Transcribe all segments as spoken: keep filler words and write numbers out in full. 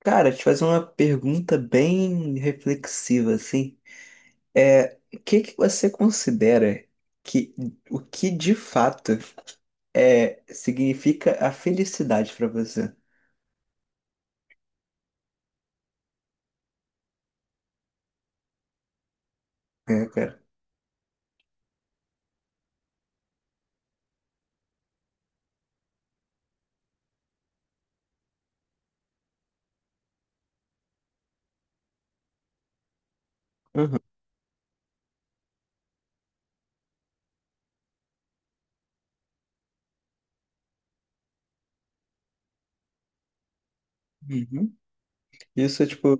Cara, te fazer uma pergunta bem reflexiva, assim. É, o que que você considera que o que de fato é significa a felicidade pra você? É, cara. Uhum. Uhum. Isso, tipo,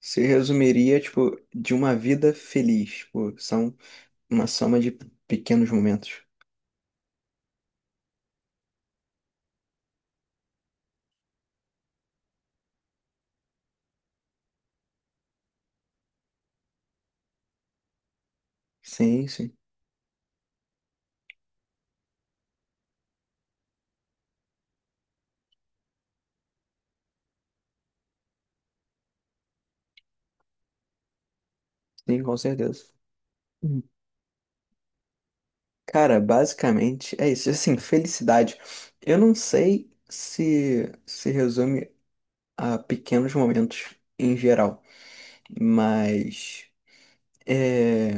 se resumiria, tipo, de uma vida feliz. Tipo, são uma soma de pequenos momentos. Sim, sim. Sim, com certeza. Cara, basicamente é isso. Assim, felicidade. Eu não sei se se resume a pequenos momentos em geral, mas é,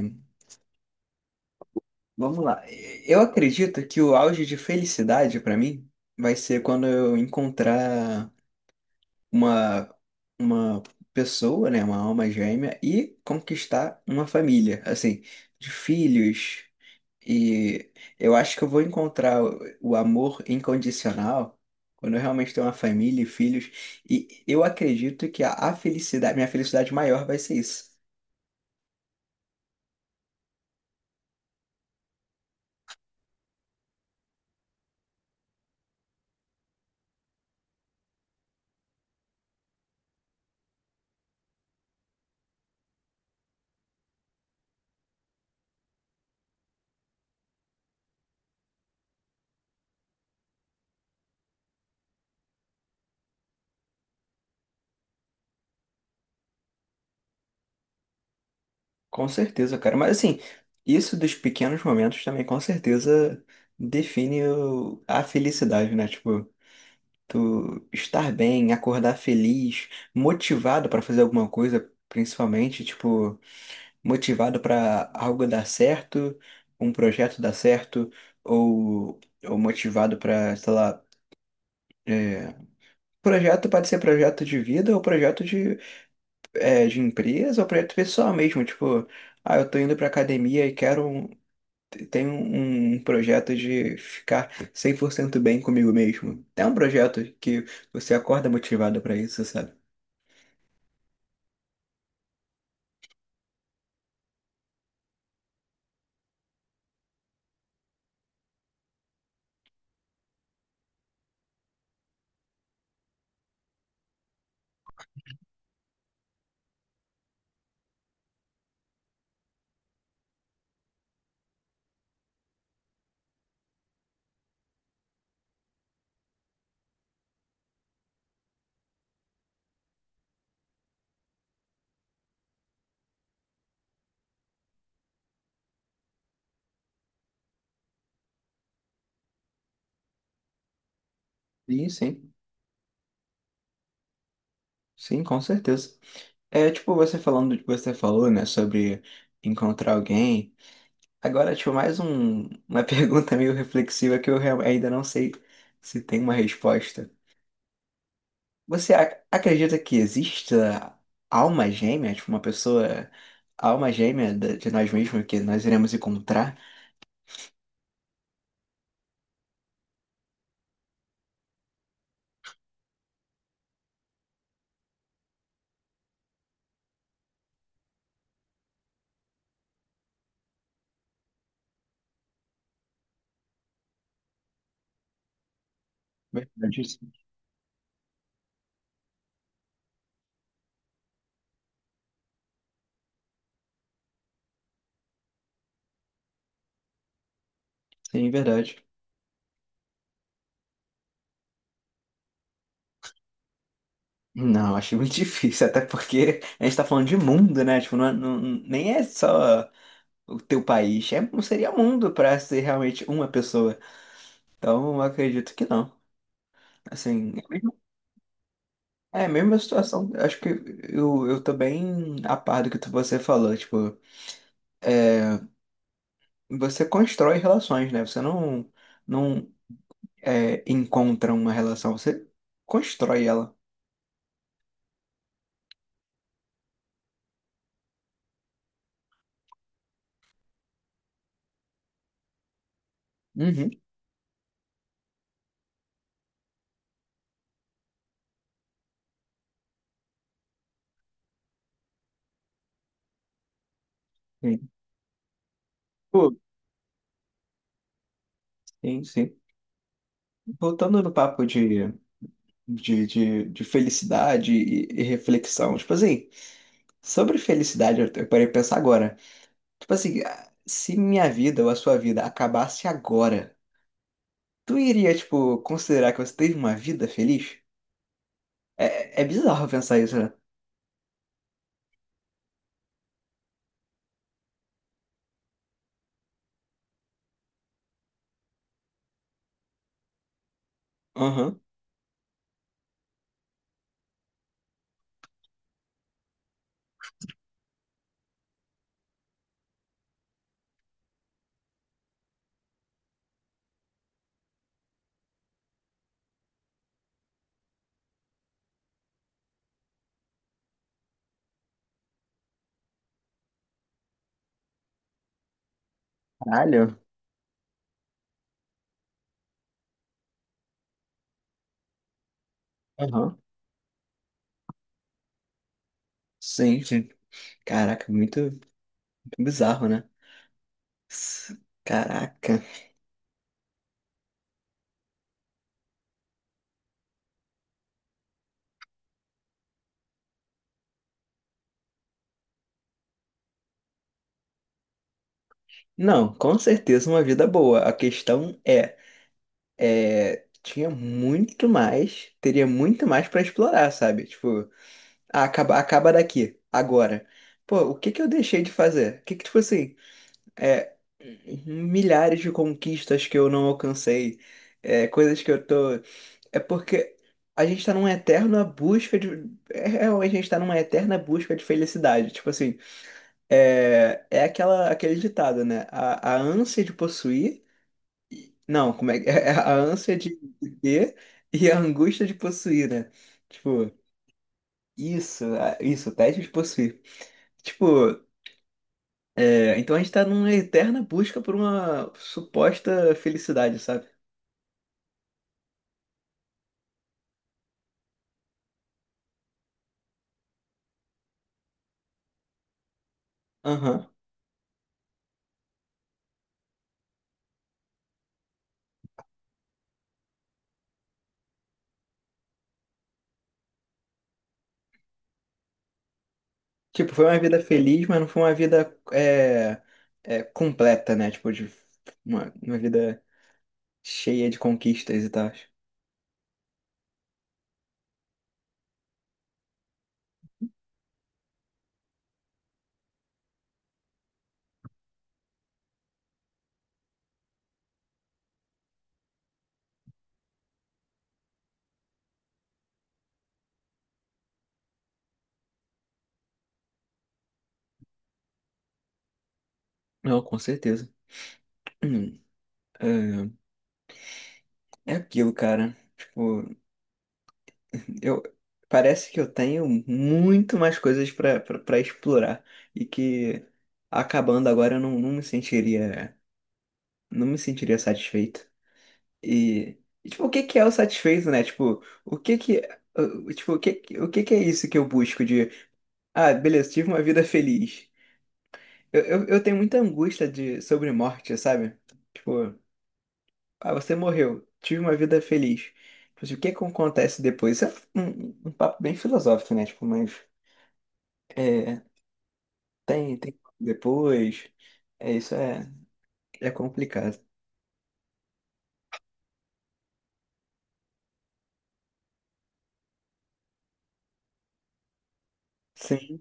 vamos lá. Eu acredito que o auge de felicidade pra mim vai ser quando eu encontrar uma, uma pessoa, né, uma alma gêmea e conquistar uma família, assim, de filhos. E eu acho que eu vou encontrar o o amor incondicional quando eu realmente tenho uma família e filhos. E eu acredito que a, a felicidade, minha felicidade maior vai ser isso. Com certeza, cara. Mas assim, isso dos pequenos momentos também com certeza define o- a felicidade, né? Tipo, tu estar bem, acordar feliz, motivado para fazer alguma coisa, principalmente, tipo, motivado para algo dar certo, um projeto dar certo, ou, ou motivado para, sei lá, é, projeto pode ser projeto de vida ou projeto de, é, de empresa ou projeto pessoal mesmo, tipo, ah, eu tô indo pra academia e quero um Tenho um um projeto de ficar cem por cento bem comigo mesmo. É um projeto que você acorda motivado pra isso, sabe? Sim, sim. Sim, com certeza. É, tipo, você falando do que você falou, né, sobre encontrar alguém. Agora, tipo, mais um, uma pergunta meio reflexiva que eu real- ainda não sei se tem uma resposta. Você ac- acredita que exista alma gêmea, tipo, uma pessoa, alma gêmea da- de nós mesmos que nós iremos encontrar? Verdade. Isso. Sim, verdade. Não, acho muito difícil, até porque a gente tá falando de mundo, né? Tipo, não, é, não- nem é só o teu país. É, não seria mundo para ser realmente uma pessoa. Então, eu acredito que não. Assim, é mesmo- é a mesma situação. Acho que eu, eu tô bem a par do que tu- você falou. Tipo, é, você constrói relações, né? Você não, não é, encontra uma relação, você constrói ela. Uhum. Sim. Pô, sim, sim. Voltando no papo de, de, de, de felicidade e, e reflexão. Tipo assim, sobre felicidade, eu parei de pensar agora. Tipo assim, ah, se minha vida ou a sua vida acabasse agora, tu iria, tipo, considerar que você teve uma vida feliz? É, é bizarro pensar isso, né? Aham. Caralho. Aham. Sim, sim. Caraca, muito, muito bizarro, né? S- Caraca. Não, com certeza uma vida boa. A questão é, é, tinha muito mais, teria muito mais pra explorar, sabe? Tipo, ah, acaba, acaba daqui, agora. Pô, o que que eu deixei de fazer? O que que, tipo assim, é, milhares de conquistas que eu não alcancei, é, coisas que eu tô. É porque a gente tá numa eterna busca de. É, realmente a gente tá numa eterna busca de felicidade. Tipo assim, é, é aquela, aquele ditado, né? A, a ânsia de possuir. Não, como é que é? A ânsia de ter e a angústia de possuir, né? Tipo, isso, a- isso, o teste de possuir. Tipo, é, então a gente tá numa eterna busca por uma suposta felicidade, sabe? Aham. Tipo, foi uma vida feliz, mas não foi uma vida é, é, completa, né? Tipo, de uma, uma vida cheia de conquistas e tal. Não, com certeza. Hum, É, é aquilo, cara. Tipo, eu parece que eu tenho muito mais coisas pra pra- pra explorar e que acabando agora eu não, não me sentiria. Não me sentiria satisfeito. E, e, tipo, o que que é o satisfeito, né? Tipo, o que que uh, tipo, o que que- o que que é isso que eu busco de. Ah, beleza, tive uma vida feliz. Eu, eu, eu tenho muita angústia de, sobre morte, sabe? Tipo, ah, você morreu, tive uma vida feliz. Mas o que que acontece depois? Isso é um, um papo bem filosófico, né? Tipo, mas é, tem, tem depois. É, isso é, é complicado. Sim,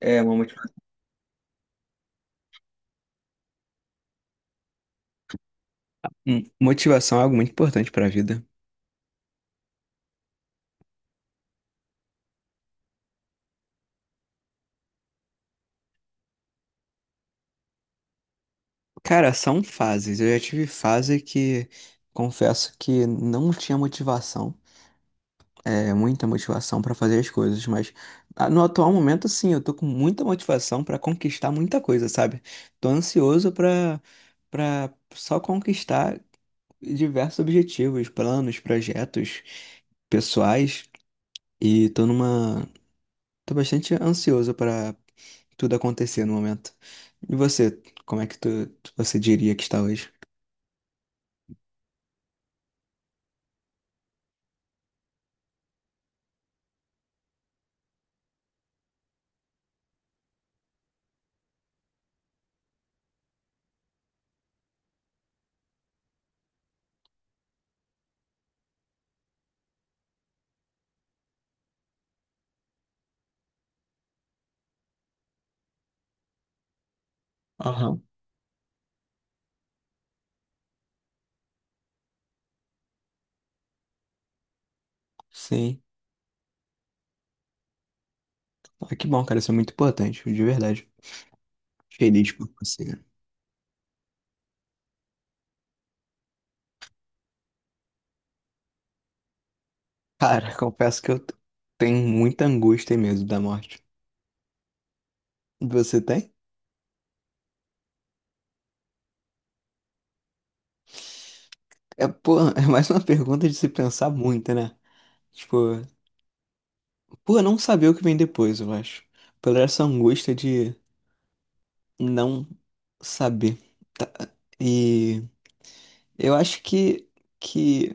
é uma motivação. Hum, Motivação é algo muito importante pra vida. Cara, são fases. Eu já tive fase que confesso que não tinha motivação, é, muita motivação para fazer as coisas, mas ah, no atual momento, sim, eu tô com muita motivação para conquistar muita coisa, sabe? Tô ansioso para para só conquistar diversos objetivos, planos, projetos pessoais e tô numa Tô bastante ansioso pra tudo acontecer no momento. E você, como é que tu, tu- você diria que está hoje? Aham. Sim. Ah, que bom, cara, isso é muito importante, de verdade. Feliz por você, né? Cara, confesso que eu t- tenho muita angústia e medo da morte. Você tem? É, pô, é mais uma pergunta de se pensar muito, né? Tipo, por não saber o que vem depois, eu acho. Pela essa angústia de não saber. Tá. E eu acho que, que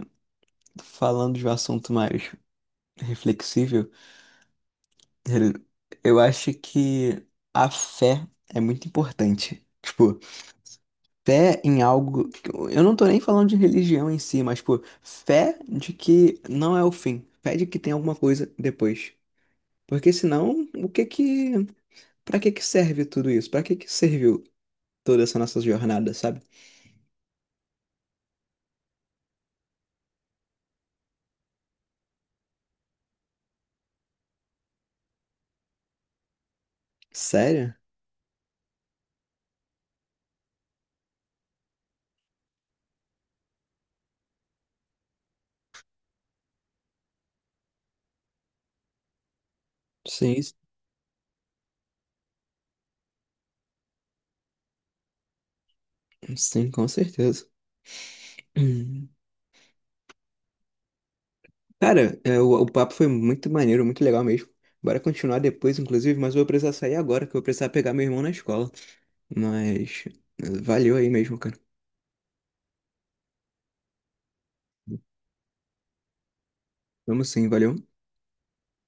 falando de um assunto mais reflexível, eu acho que a fé é muito importante. Tipo, fé em algo. Eu não tô nem falando de religião em si, mas, pô, fé de que não é o fim. Fé de que tem alguma coisa depois. Porque senão, o que que. Pra que que serve tudo isso? Pra que que serviu toda essa nossa jornada, sabe? Sério? Sim, sim, com certeza. Hum. Cara, é, o, o papo foi muito maneiro, muito legal mesmo. Bora continuar depois, inclusive, mas eu vou precisar sair agora, que eu vou precisar pegar meu irmão na escola. Mas eh, valeu aí mesmo, cara. Vamos sim, valeu.